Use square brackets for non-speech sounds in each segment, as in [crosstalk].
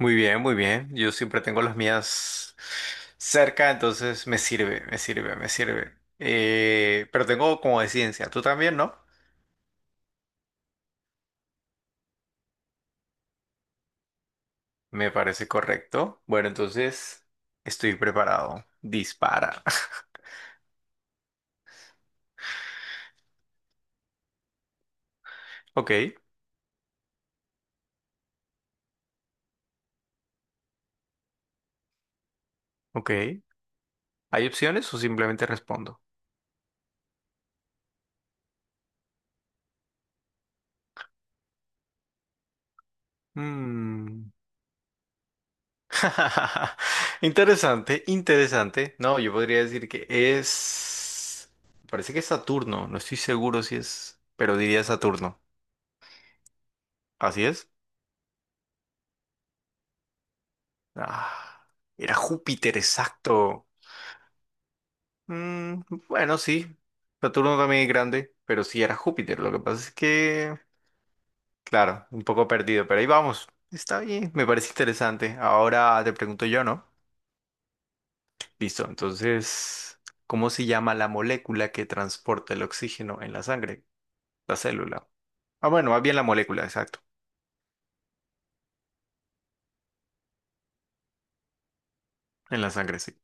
Muy bien, muy bien. Yo siempre tengo las mías cerca, entonces me sirve. Pero tengo como de ciencia, tú también, ¿no? Me parece correcto. Bueno, entonces estoy preparado. Dispara. [laughs] Ok, ok. ¿Hay opciones o simplemente respondo? Mm. [laughs] Interesante. No, yo podría decir que es... Parece que es Saturno, no estoy seguro si es, pero diría Saturno. ¿Así es? Ah, era Júpiter, exacto. Mm, bueno, sí. Saturno también es grande, pero sí era Júpiter. Lo que pasa es que, claro, un poco perdido, pero ahí vamos. Está bien, me parece interesante. Ahora te pregunto yo, ¿no? Listo, entonces, ¿cómo se llama la molécula que transporta el oxígeno en la sangre? La célula. Ah, bueno, más bien la molécula, exacto. En la sangre, sí.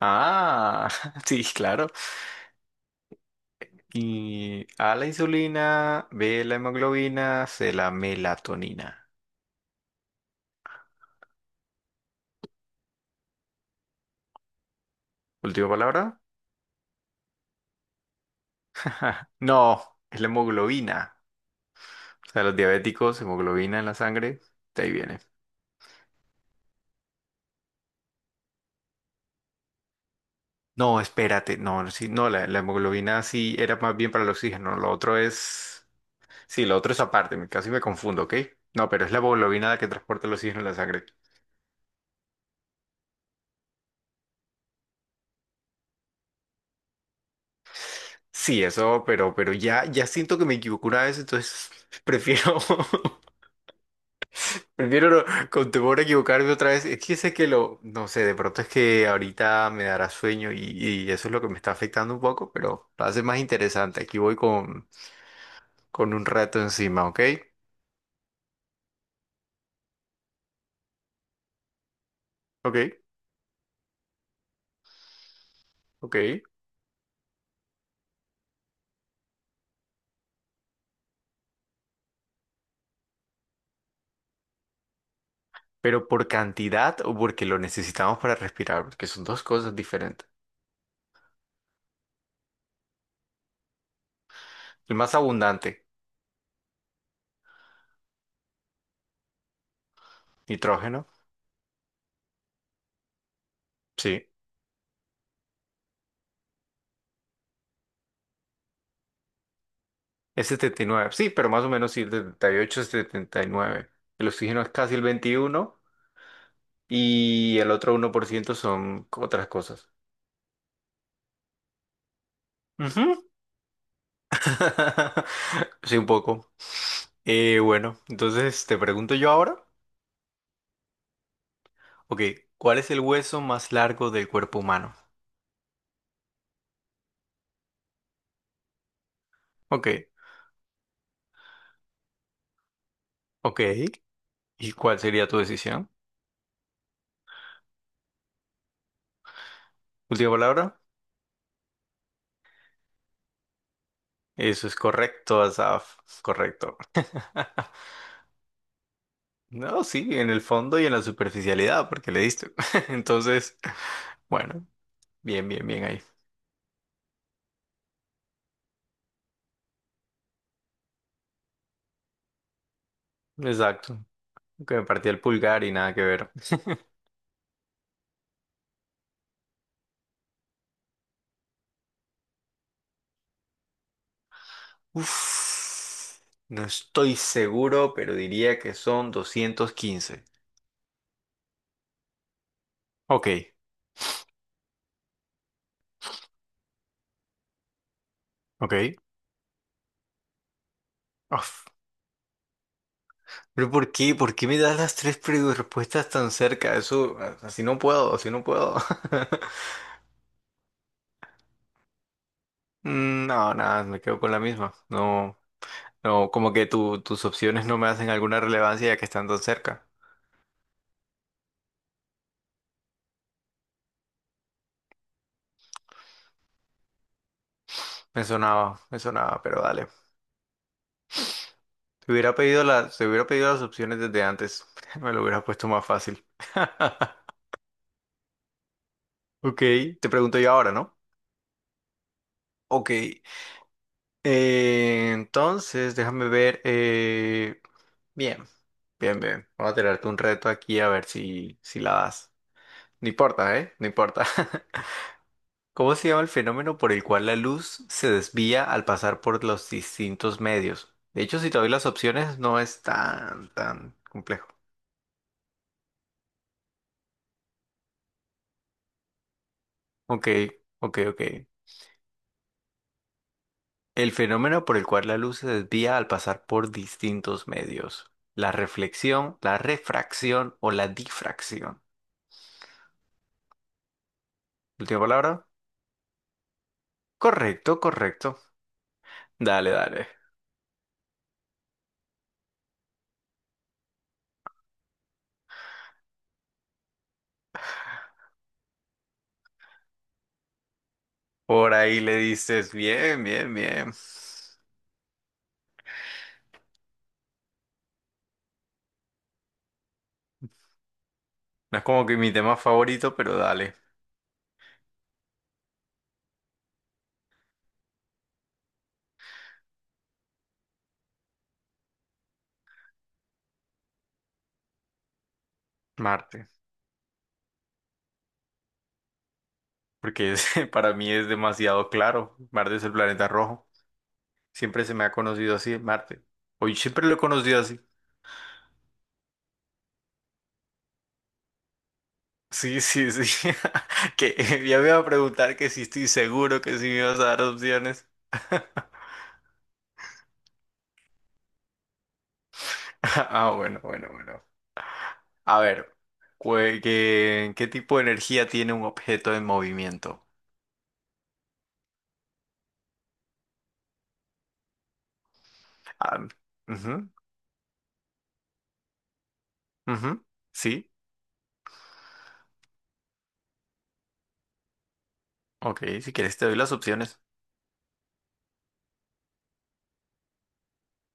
Ah, [laughs] sí, claro. Y A la insulina, B la hemoglobina, C la melatonina. Última palabra. [laughs] No, es la hemoglobina. O sea, los diabéticos, hemoglobina en la sangre, de ahí viene. No, espérate, no, sí, no, la hemoglobina sí era más bien para el oxígeno, lo otro es... Sí, lo otro es aparte, casi me confundo, ¿ok? No, pero es la hemoglobina la que transporta el oxígeno en la sangre. Sí, eso, pero ya siento que me equivoco una vez, entonces [laughs] prefiero [laughs] Prefiero no- con temor a equivocarme otra vez. Es que sé que lo, no sé, de pronto es que ahorita me dará sueño y eso es lo que me está afectando un poco, pero lo hace más interesante. Aquí voy con un rato encima, ¿ok? Ok, ok. Pero por cantidad o porque lo necesitamos para respirar, porque son dos cosas diferentes. El más abundante, nitrógeno, sí, es 79 sí, pero más o menos sí, 78 79. El oxígeno es casi el 21 y el otro 1% son otras cosas. Ujú. [laughs] Sí, un poco. Bueno, entonces te pregunto yo ahora. Ok, ¿cuál es el hueso más largo del cuerpo humano? Ok, ok. ¿Y cuál sería tu decisión? Última palabra. Eso es correcto, Asaf. Correcto. [laughs] No, sí, en el fondo y en la superficialidad, porque le diste. [laughs] Entonces, bueno, bien ahí. Exacto. Que me partí el pulgar y nada que ver. Uf, no estoy seguro, pero diría que son 215. Ok, ok. Uf. Pero ¿por qué? ¿Por qué me das las tres respuestas tan cerca? Eso, así no puedo, así no puedo. [laughs] No, nada, me quedo con la misma. No, no, como que tus opciones no me hacen alguna relevancia ya que están tan cerca. Me sonaba, pero dale. Te hubiera pedido las opciones desde antes. [laughs] Me lo hubiera puesto más fácil. [laughs] Ok, te pregunto yo ahora, ¿no? Ok, entonces déjame ver. Bien, bien. Voy a tirarte un reto aquí a ver si la das. No importa, ¿eh? No importa. [laughs] ¿Cómo se llama el fenómeno por el cual la luz se desvía al pasar por los distintos medios? De hecho, si te doy las opciones, no es tan complejo. Ok, ok. El fenómeno por el cual la luz se desvía al pasar por distintos medios. La reflexión, la refracción o la difracción. Última palabra. Correcto. Dale. Por ahí le dices, bien. No es como que mi tema favorito, pero dale, Marte. [laughs] Para mí es demasiado claro. Marte es el planeta rojo. Siempre se me ha conocido así, Marte. Hoy siempre lo he conocido así. Sí, sí, sí. [laughs] Que [laughs] ya me iba a preguntar que si estoy seguro que si me ibas a dar opciones. [laughs] Ah, bueno. A ver, ¿ qué tipo de energía tiene un objeto en movimiento? Ah, ujú, ujú, Sí, ok, si quieres te doy las opciones.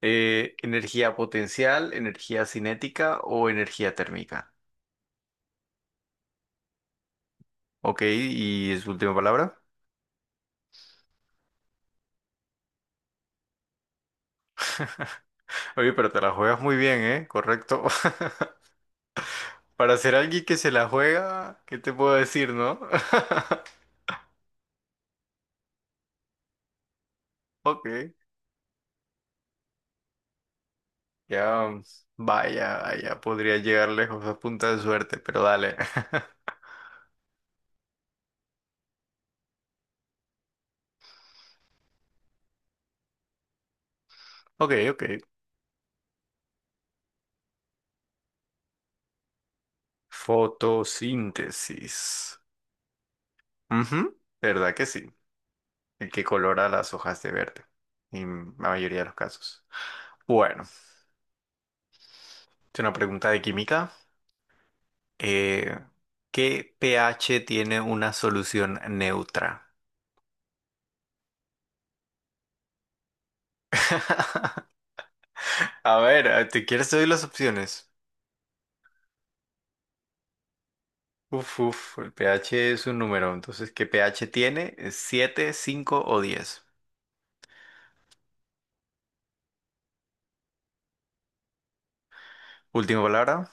Energía potencial, energía cinética o energía térmica. Ok, y es última palabra. Oye, pero te la juegas muy bien, ¿eh? Correcto. [laughs] Para ser alguien que se la juega, ¿qué te puedo decir, no? [laughs] Ok, ya, vaya, podría llegar lejos a punta de suerte, pero dale. [laughs] Ok. Fotosíntesis. Ujú, ¿Verdad que sí? El que colora las hojas de verde, en la mayoría de los casos. Bueno, es una pregunta de química. Eh, ¿Qué pH tiene una solución neutra? A ver, ¿te quieres te doy las opciones? El pH es un número, entonces, ¿qué pH tiene? ¿Es siete, 5 o diez? Última palabra.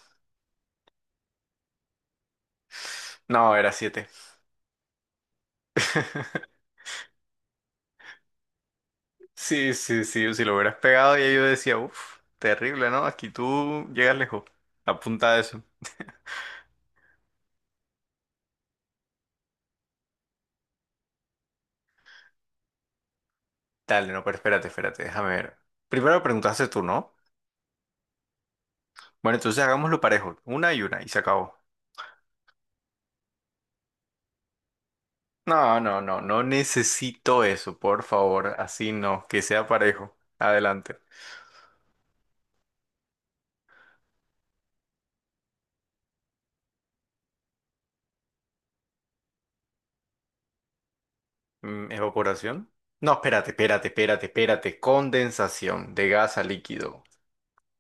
No, era 7. [laughs] Sí, sí, sí, si lo hubieras pegado ya yo decía, uff, terrible, ¿no? Aquí tú llegas lejos. Apunta a eso. Dale, no, pero espérate, déjame ver. Primero preguntaste tú, ¿no? Bueno, entonces hagámoslo parejo, una, y se acabó. No, no, no, no necesito eso, por favor, así no, que sea parejo. Adelante. ¿Evaporación? No, espérate. Condensación de gas a líquido.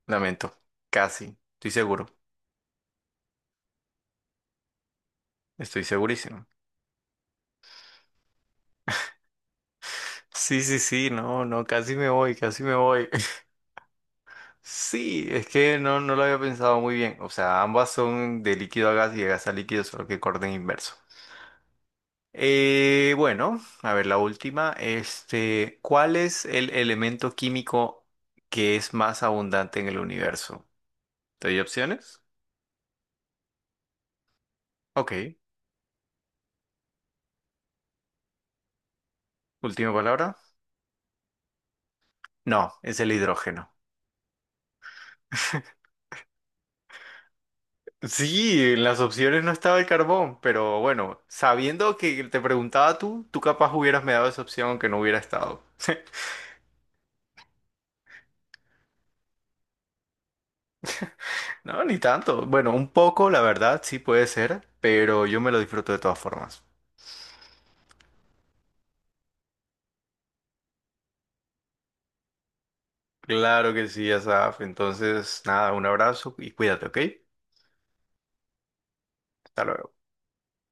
Lamento, casi, estoy seguro, estoy segurísimo. Sí, sí, sí, no, no, casi me voy, casi me voy. [laughs] Sí, es que no, no lo había pensado muy bien. O sea, ambas son de líquido a gas y de gas a líquido, solo que orden inverso. Bueno, a ver, la última. Este, ¿cuál es el elemento químico que es más abundante en el universo? ¿Te doy opciones? Ok. Última palabra. No, es el hidrógeno. Sí, en las opciones no estaba el carbón, pero bueno, sabiendo que te preguntaba tú, tú capaz hubieras me dado esa opción aunque no hubiera estado. [laughs] No, ni tanto. Bueno, un poco, la verdad, sí puede ser, pero yo me lo disfruto de todas formas. Claro que sí, Asaf. Entonces, nada, un abrazo y cuídate, ¿ok? Hasta luego.